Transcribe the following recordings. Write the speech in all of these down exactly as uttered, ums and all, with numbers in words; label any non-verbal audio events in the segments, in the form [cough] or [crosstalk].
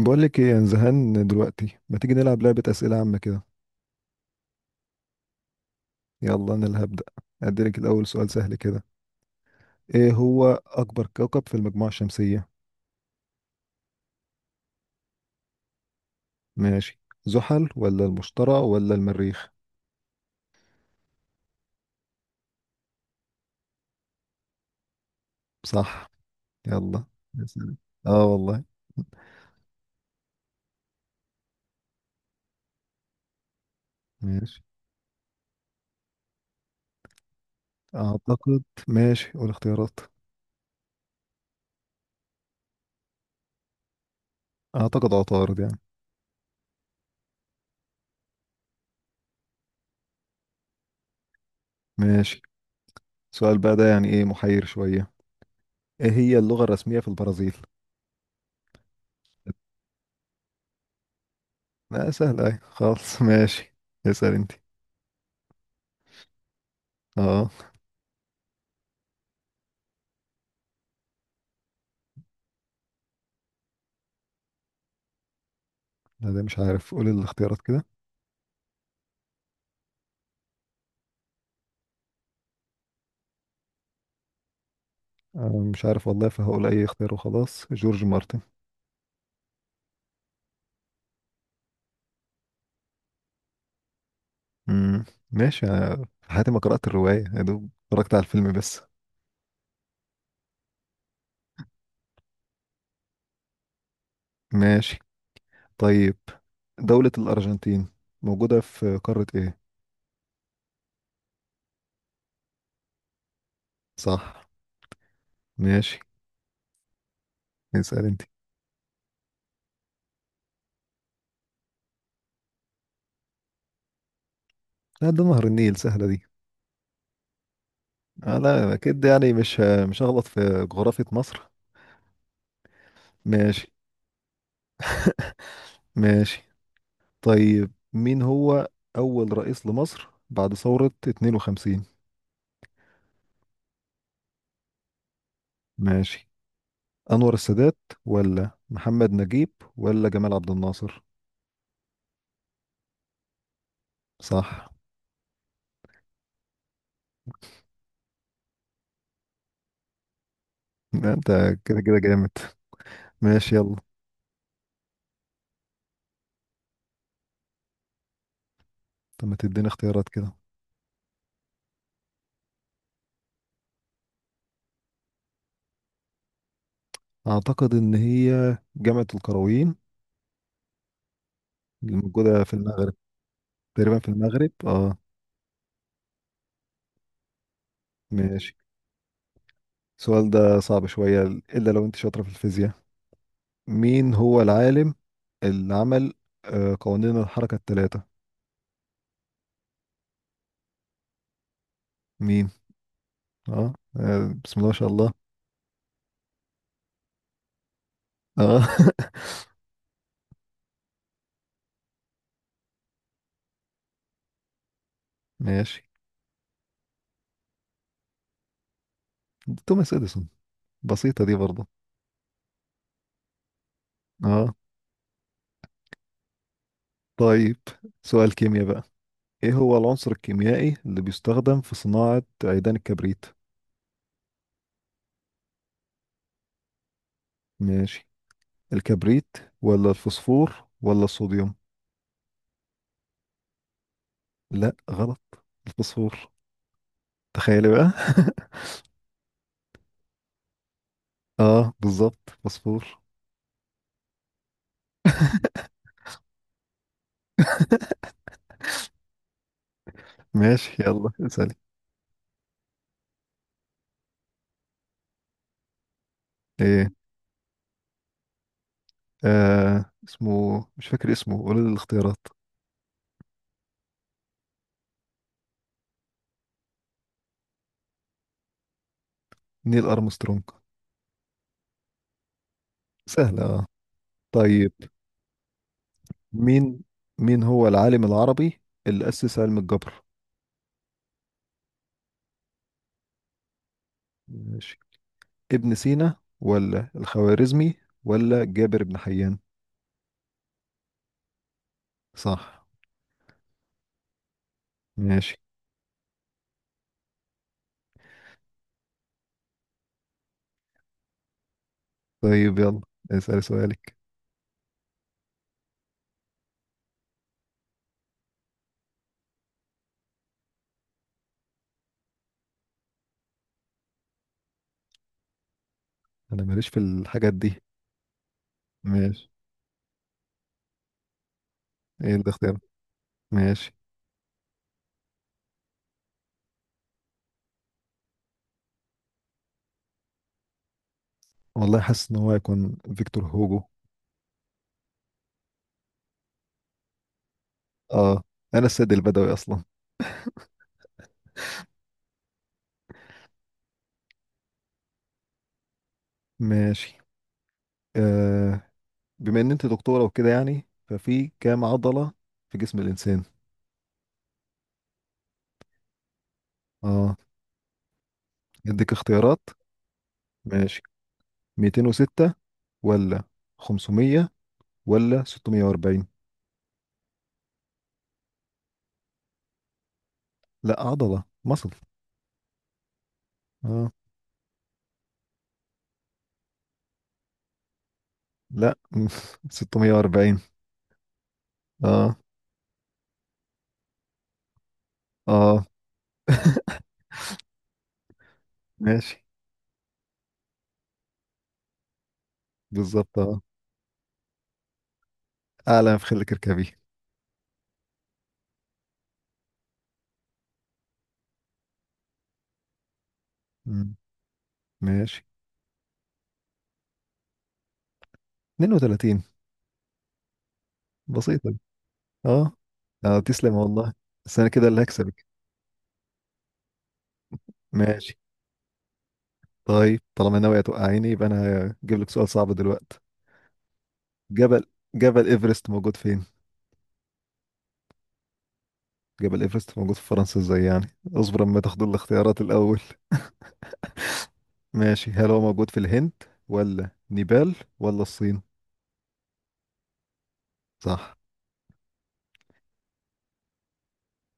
بقول لك ايه، انا زهقان دلوقتي، ما تيجي نلعب لعبة أسئلة عامة كده. يلا انا اللي هبدأ. اديلك الاول سؤال سهل كده. ايه هو اكبر كوكب في المجموعة الشمسية؟ ماشي، زحل ولا المشتري ولا المريخ؟ صح، يلا. يا سلام. اه والله. ماشي. اعتقد. ماشي قول اختيارات. اعتقد عطارد يعني ماشي. سؤال بقى ده يعني ايه محير شوية. ايه هي اللغة الرسمية في البرازيل؟ لا سهل ايه خالص، ماشي. اسأل انت. اه، لا ده مش عارف، قول الاختيارات كده. أنا مش عارف والله، فهقول اي اختيار وخلاص، جورج مارتن. امم. ماشي. أنا في حياتي ما قرأت الرواية، يا دوب اتفرجت على الفيلم بس. ماشي. طيب، دولة الأرجنتين موجودة في قارة ايه؟ صح. ماشي. اسأل انت. لا، ده نهر النيل، سهلة دي. آه لا أكيد يعني مش، مش هغلط في جغرافية مصر. ماشي. ماشي. طيب، مين هو أول رئيس لمصر بعد ثورة اتنين وخمسين؟ ماشي، أنور السادات ولا محمد نجيب ولا جمال عبد الناصر؟ صح. لا، أنت كده كده جامد. ماشي يلا. طب ما تديني اختيارات كده. أعتقد إن هي جامعة القرويين الموجودة في المغرب. تقريبا في المغرب اه. ماشي. السؤال ده صعب شوية، إلا لو أنت شاطرة في الفيزياء. مين هو العالم اللي عمل آه، قوانين الحركة الثلاثة؟ مين؟ اه، آه، بسم الله ما شاء الله. اه [laughs] ماشي. توماس اديسون. بسيطة دي برضه. اه. طيب سؤال كيمياء بقى. ايه هو العنصر الكيميائي اللي بيستخدم في صناعة عيدان الكبريت؟ ماشي، الكبريت ولا الفوسفور ولا الصوديوم؟ لا غلط، الفوسفور. تخيلي بقى [laughs] اه بالظبط، فوسفور. ماشي، يلا اسألي. ايه؟ آه اسمه، مش فاكر اسمه، قولي لي الاختيارات. نيل ارمسترونج. سهلة اه. طيب. مين مين هو العالم العربي اللي أسس علم الجبر؟ ماشي، ابن سينا ولا الخوارزمي ولا جابر بن حيان؟ صح. ماشي. طيب يلا، اسأل سؤالك. انا ماليش في الحاجات دي. ماشي. ايه اللي اختار؟ ماشي. والله حاسس ان هو هيكون فيكتور هوجو. اه، انا السيد البدوي اصلا. ماشي. آه، بما ان انت دكتورة وكده، يعني ففي كام عضلة في جسم الانسان؟ اه، اديك اختيارات. ماشي، مياتين وستة ولا خمسمية ولا ستمية واربعين؟ لا عضلة مصل. اه. لا [laughs] ستمية واربعين. اه. اه. ماشي. بالظبط اه. اعلى ما في خلك اركبي. مم. ماشي. اتنين وتلاتين. بسيطة. اه. اه تسلم والله، بس انا كده اللي هكسبك. ماشي. طيب طالما ناوية توقعيني، يبقى انا هجيب لك سؤال صعب دلوقتي. جبل، جبل ايفرست موجود فين؟ جبل ايفرست موجود في فرنسا ازاي يعني؟ اصبر اما تاخد الاختيارات الاول. ماشي، هل هو موجود في الهند ولا نيبال ولا الصين؟ صح.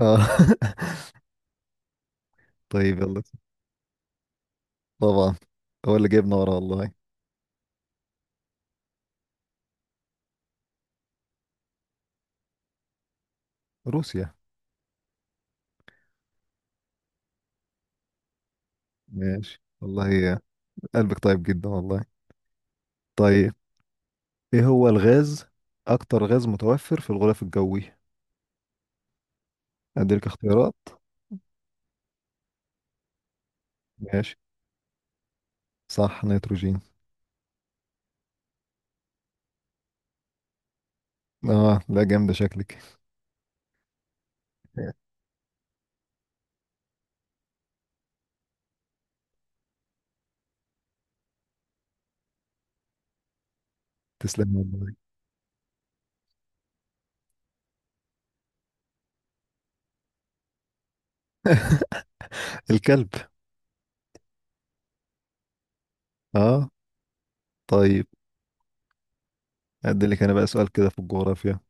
اه [laughs] طيب يلا. طبعا، هو اللي جايبنا ورا والله. روسيا. ماشي والله، قلبك طيب جدا والله. طيب، ايه هو الغاز، اكتر غاز متوفر في الغلاف الجوي؟ اديلك اختيارات. ماشي. صح، نيتروجين. اه لا جامدة شكلك. تسلم والله. الكلب. اه. طيب، اديلك انا بقى سؤال كده في الجغرافيا.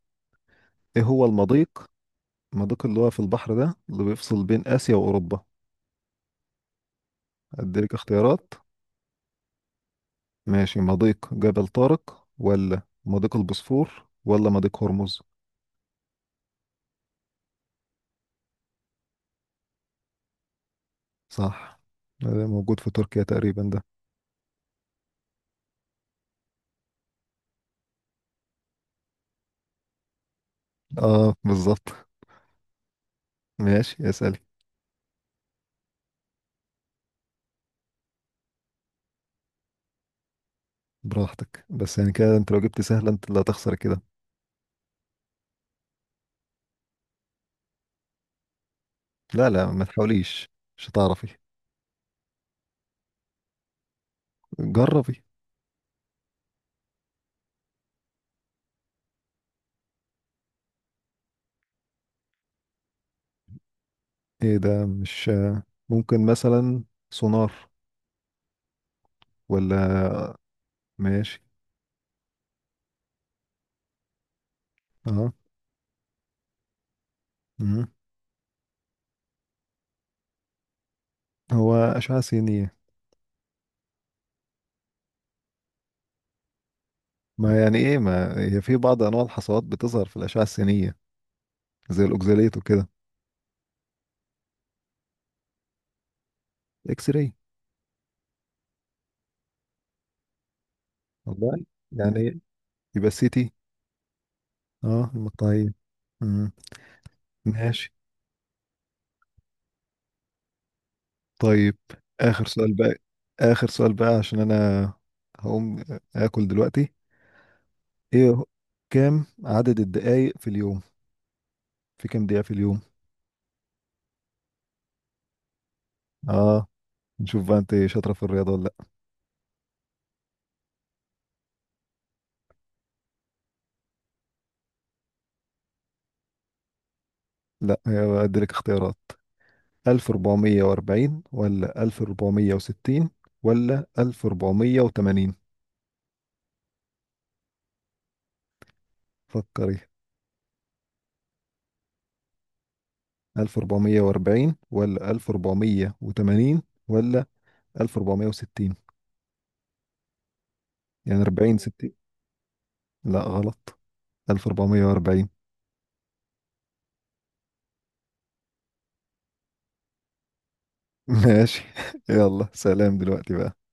ايه هو المضيق، المضيق اللي هو في البحر، ده اللي بيفصل بين اسيا واوروبا؟ اديلك اختيارات. ماشي، مضيق جبل طارق ولا مضيق البوسفور ولا مضيق هرمز؟ صح، ده موجود في تركيا تقريبا ده. اه بالظبط. ماشي اسألي. براحتك، بس يعني كده انت لو جبت سهلة، انت اللي هتخسر كده. لا لا ما تحاوليش، مش هتعرفي. جربي. ايه ده؟ مش ممكن مثلا سونار ولا. ماشي. اه. مم. هو أشعة سينية. ما يعني ايه، ما هي في بعض انواع الحصوات بتظهر في الأشعة السينية، زي الأوكزاليت وكده. اكس راي. والله يعني يبقى سيتي. اه طيب. مم. ماشي. طيب، آخر سؤال بقى. آخر سؤال بقى عشان أنا هقوم آكل دلوقتي. إيه هو- كام عدد الدقايق في اليوم؟ في كام دقيقة في اليوم؟ آه، نشوف بقى أنت شاطرة في الرياضة ولا لأ. لأ، هي أديلك اختيارات، الف واربعمية واربعين ولا الف واربعمية وستين ولا الف واربعمية وتمانين؟ فكري. الف واربعمية واربعين ولا الف واربعمية وتمانين ولا الف واربعمية وستين؟ يعني اربعين، ستين. لا غلط، الف واربعمية واربعين. [laughs] ماشي. [laughs] يلا سلام دلوقتي بقى.